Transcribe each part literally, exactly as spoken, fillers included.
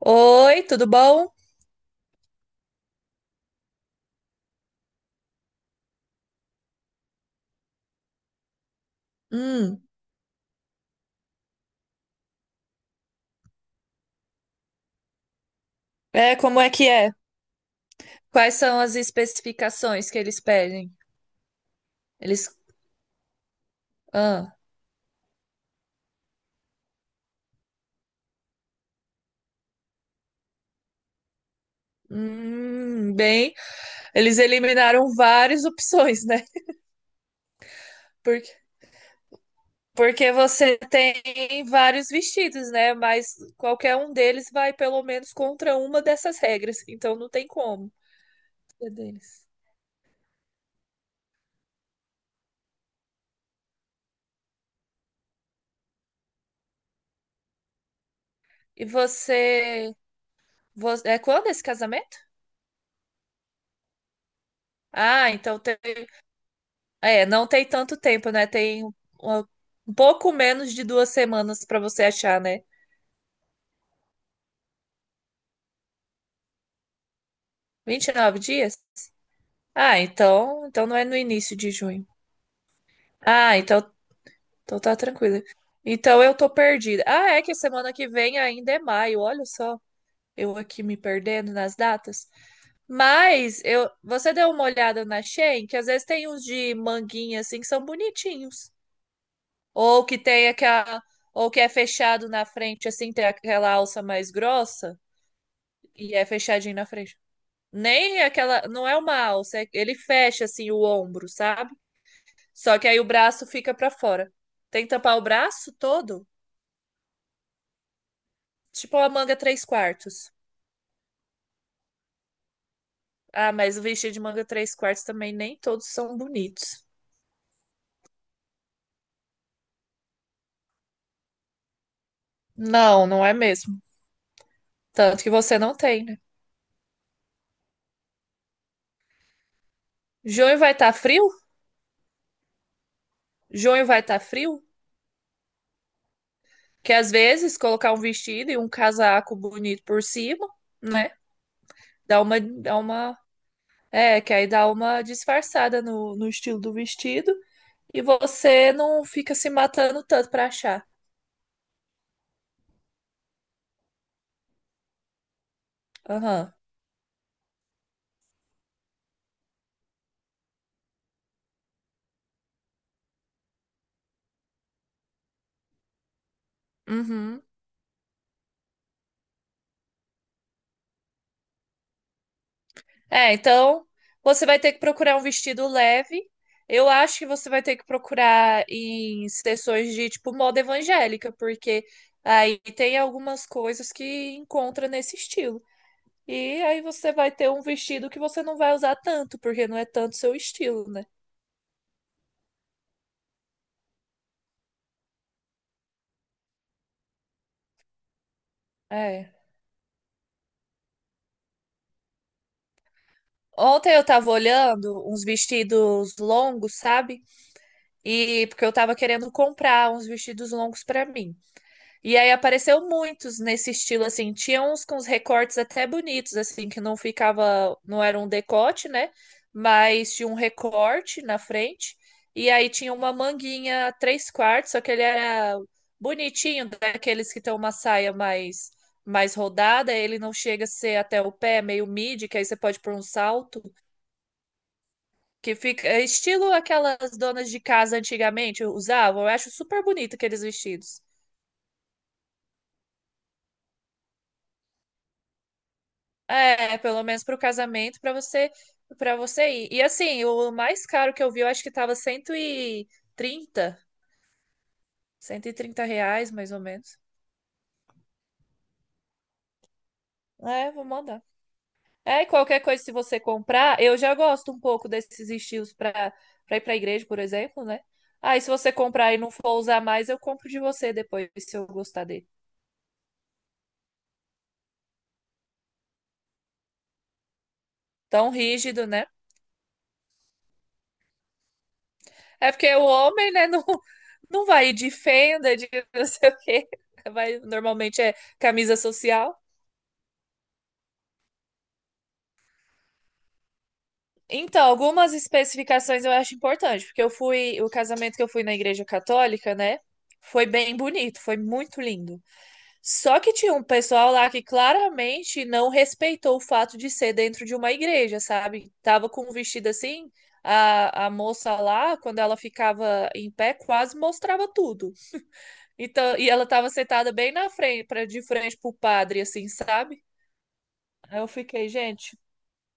Oi, tudo bom? Hum. É, como é que é? Quais são as especificações que eles pedem? Eles, ah, hum, bem, eles eliminaram várias opções, né? Porque, porque você tem vários vestidos, né? Mas qualquer um deles vai pelo menos contra uma dessas regras, então não tem como. É deles. E você, vo- É quando esse casamento? Ah, então. É, não tem tanto tempo, né? Tem uma- um pouco menos de duas semanas pra você achar, né? Vinte e nove dias? Ah, então, então não é no início de junho. Ah, então, então tá tranquila. Então eu tô perdida. Ah, é que semana que vem ainda é maio, olha só. Eu aqui me perdendo nas datas. Mas eu, você deu uma olhada na Shein, que às vezes tem uns de manguinha assim que são bonitinhos. Ou que tem aquela, ou que é fechado na frente assim, tem aquela alça mais grossa. E é fechadinho na frente. Nem aquela. Não é uma alça, é- ele fecha assim o ombro, sabe? Só que aí o braço fica pra fora. Tem que tampar o braço todo, tipo a manga três quartos. Ah, mas o vestido de manga três quartos também nem todos são bonitos. Não, não é mesmo. Tanto que você não tem, né? Junho vai estar frio? Junho vai estar frio? Que às vezes colocar um vestido e um casaco bonito por cima, né? Dá uma, dá uma É, que aí dá uma disfarçada no, no estilo do vestido e você não fica se matando tanto pra achar. Aham. Uhum. É, então você vai ter que procurar um vestido leve. Eu acho que você vai ter que procurar em sessões de tipo moda evangélica, porque aí tem algumas coisas que encontra nesse estilo. E aí você vai ter um vestido que você não vai usar tanto, porque não é tanto seu estilo, né? É. Ontem eu tava olhando uns vestidos longos, sabe? E porque eu tava querendo comprar uns vestidos longos pra mim. E aí apareceu muitos nesse estilo assim, tinha uns com os recortes até bonitos assim, que não ficava, não era um decote, né? Mas tinha um recorte na frente. E aí tinha uma manguinha três quartos, só que ele era bonitinho, daqueles que tem uma saia mais mais rodada, ele não chega a ser até o pé, meio midi, que aí você pode pôr um salto. Que fica é estilo aquelas donas de casa antigamente usavam. Eu acho super bonito aqueles vestidos. É, pelo menos pro casamento, pra você para você ir. E assim, o mais caro que eu vi, eu acho que tava cento e trinta cento e trinta reais, mais ou menos. É, vou mandar. É, e qualquer coisa, se você comprar, eu já gosto um pouco desses estilos para para ir pra igreja, por exemplo, né? Aí, se você comprar e não for usar mais, eu compro de você depois, se eu gostar dele. Tão rígido, né? É porque o homem, né, não, não vai de fenda, de não sei o quê. Vai, normalmente é camisa social. Então, algumas especificações eu acho importante, porque eu fui, o casamento que eu fui na igreja católica, né? Foi bem bonito, foi muito lindo. Só que tinha um pessoal lá que claramente não respeitou o fato de ser dentro de uma igreja, sabe? Tava com um vestido assim, a, a moça lá, quando ela ficava em pé, quase mostrava tudo. Então, e ela tava sentada bem na frente, pra, de frente pro padre, assim, sabe? Aí eu fiquei, gente,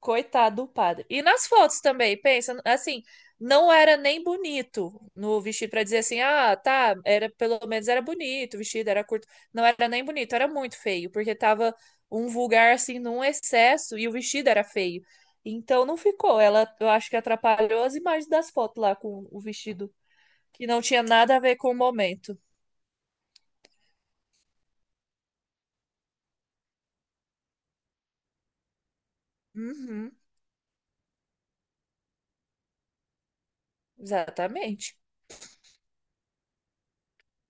coitado do padre. E nas fotos também, pensa, assim, não era nem bonito no vestido pra dizer assim, ah, tá, era pelo menos era bonito, o vestido era curto. Não era nem bonito, era muito feio, porque tava um vulgar assim num excesso e o vestido era feio. Então não ficou. Ela, eu acho que atrapalhou as imagens das fotos lá com o vestido, que não tinha nada a ver com o momento. Uhum, exatamente.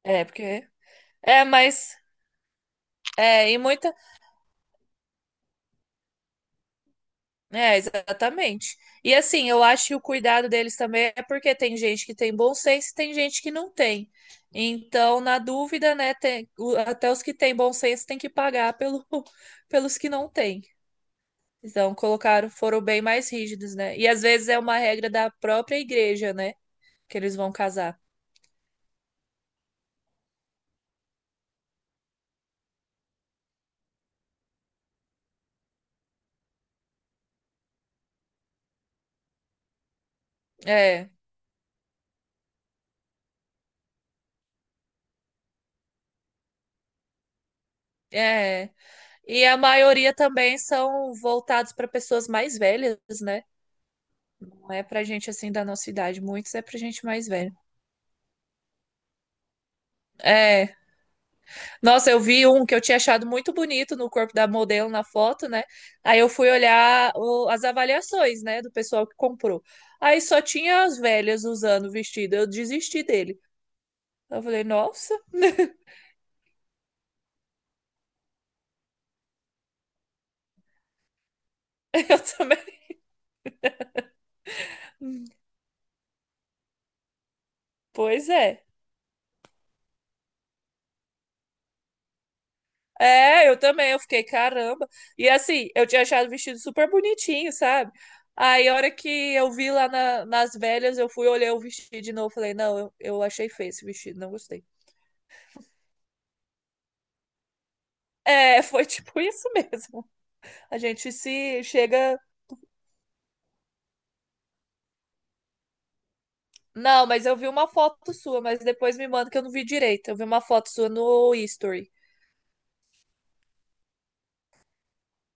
É, porque. É, mas. É, e muita. É, exatamente. E assim, eu acho que o cuidado deles também é porque tem gente que tem bom senso e tem gente que não tem. Então, na dúvida, né, tem- o- até os que têm bom senso têm que pagar pelo, pelos que não têm. Então, colocaram, foram bem mais rígidos, né? E às vezes é uma regra da própria igreja, né? Que eles vão casar. É, é. E a maioria também são voltados para pessoas mais velhas, né? Não é pra gente assim da nossa idade, muitos é pra gente mais velha. É. Nossa, eu vi um que eu tinha achado muito bonito no corpo da modelo na foto, né? Aí eu fui olhar o- as avaliações, né, do pessoal que comprou. Aí só tinha as velhas usando o vestido. Eu desisti dele. Eu falei, nossa, eu também. Pois é. É, eu também, eu fiquei, caramba. E assim, eu tinha achado o vestido super bonitinho, sabe? Aí, a hora que eu vi lá na- nas velhas, eu fui olhar o vestido de novo, falei, não, eu, eu achei feio esse vestido, não gostei. É, foi tipo isso mesmo. A gente se chega. Não, mas eu vi uma foto sua, mas depois me manda que eu não vi direito. Eu vi uma foto sua no History.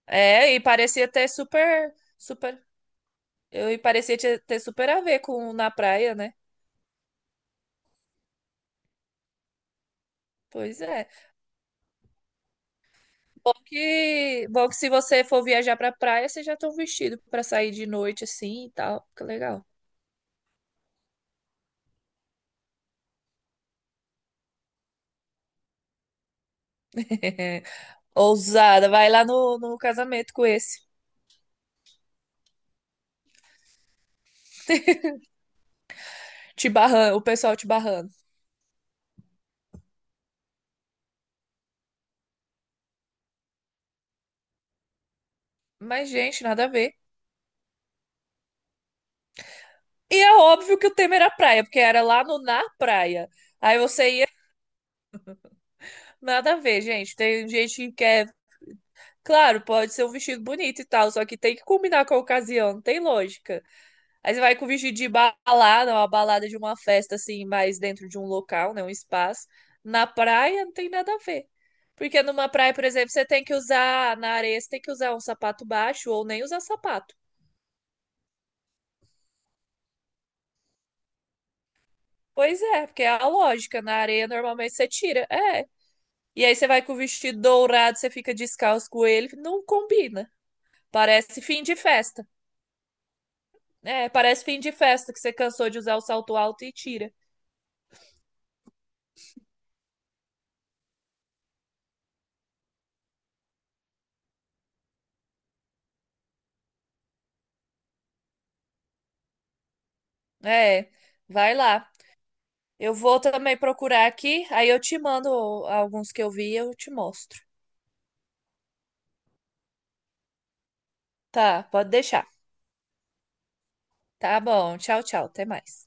É, e parecia ter super, super. Eu, e parecia ter ter super a ver com na praia, né? Pois é. Que bom que se você for viajar pra praia, você já tá vestido pra sair de noite assim e tal. Fica legal. Ousada, vai lá no, no casamento com esse. Te barrando, o pessoal te barrando. Mas, gente, nada a ver. E é óbvio que o tema era praia, porque era lá no na praia. Aí você ia, nada a ver, gente. Tem gente que quer, claro, pode ser um vestido bonito e tal, só que tem que combinar com a ocasião, não tem lógica. Aí você vai com vestido de balada, uma balada de uma festa, assim, mais dentro de um local, né? Um espaço. Na praia não tem nada a ver. Porque numa praia, por exemplo, você tem que usar, na areia, você tem que usar um sapato baixo ou nem usar sapato. Pois é, porque é a lógica. Na areia, normalmente você tira. É. E aí você vai com o vestido dourado, você fica descalço com ele. Não combina. Parece fim de festa. É, parece fim de festa que você cansou de usar o salto alto e tira. É, vai lá. Eu vou também procurar aqui, aí eu te mando alguns que eu vi e eu te mostro. Tá, pode deixar. Tá bom, tchau, tchau, até mais.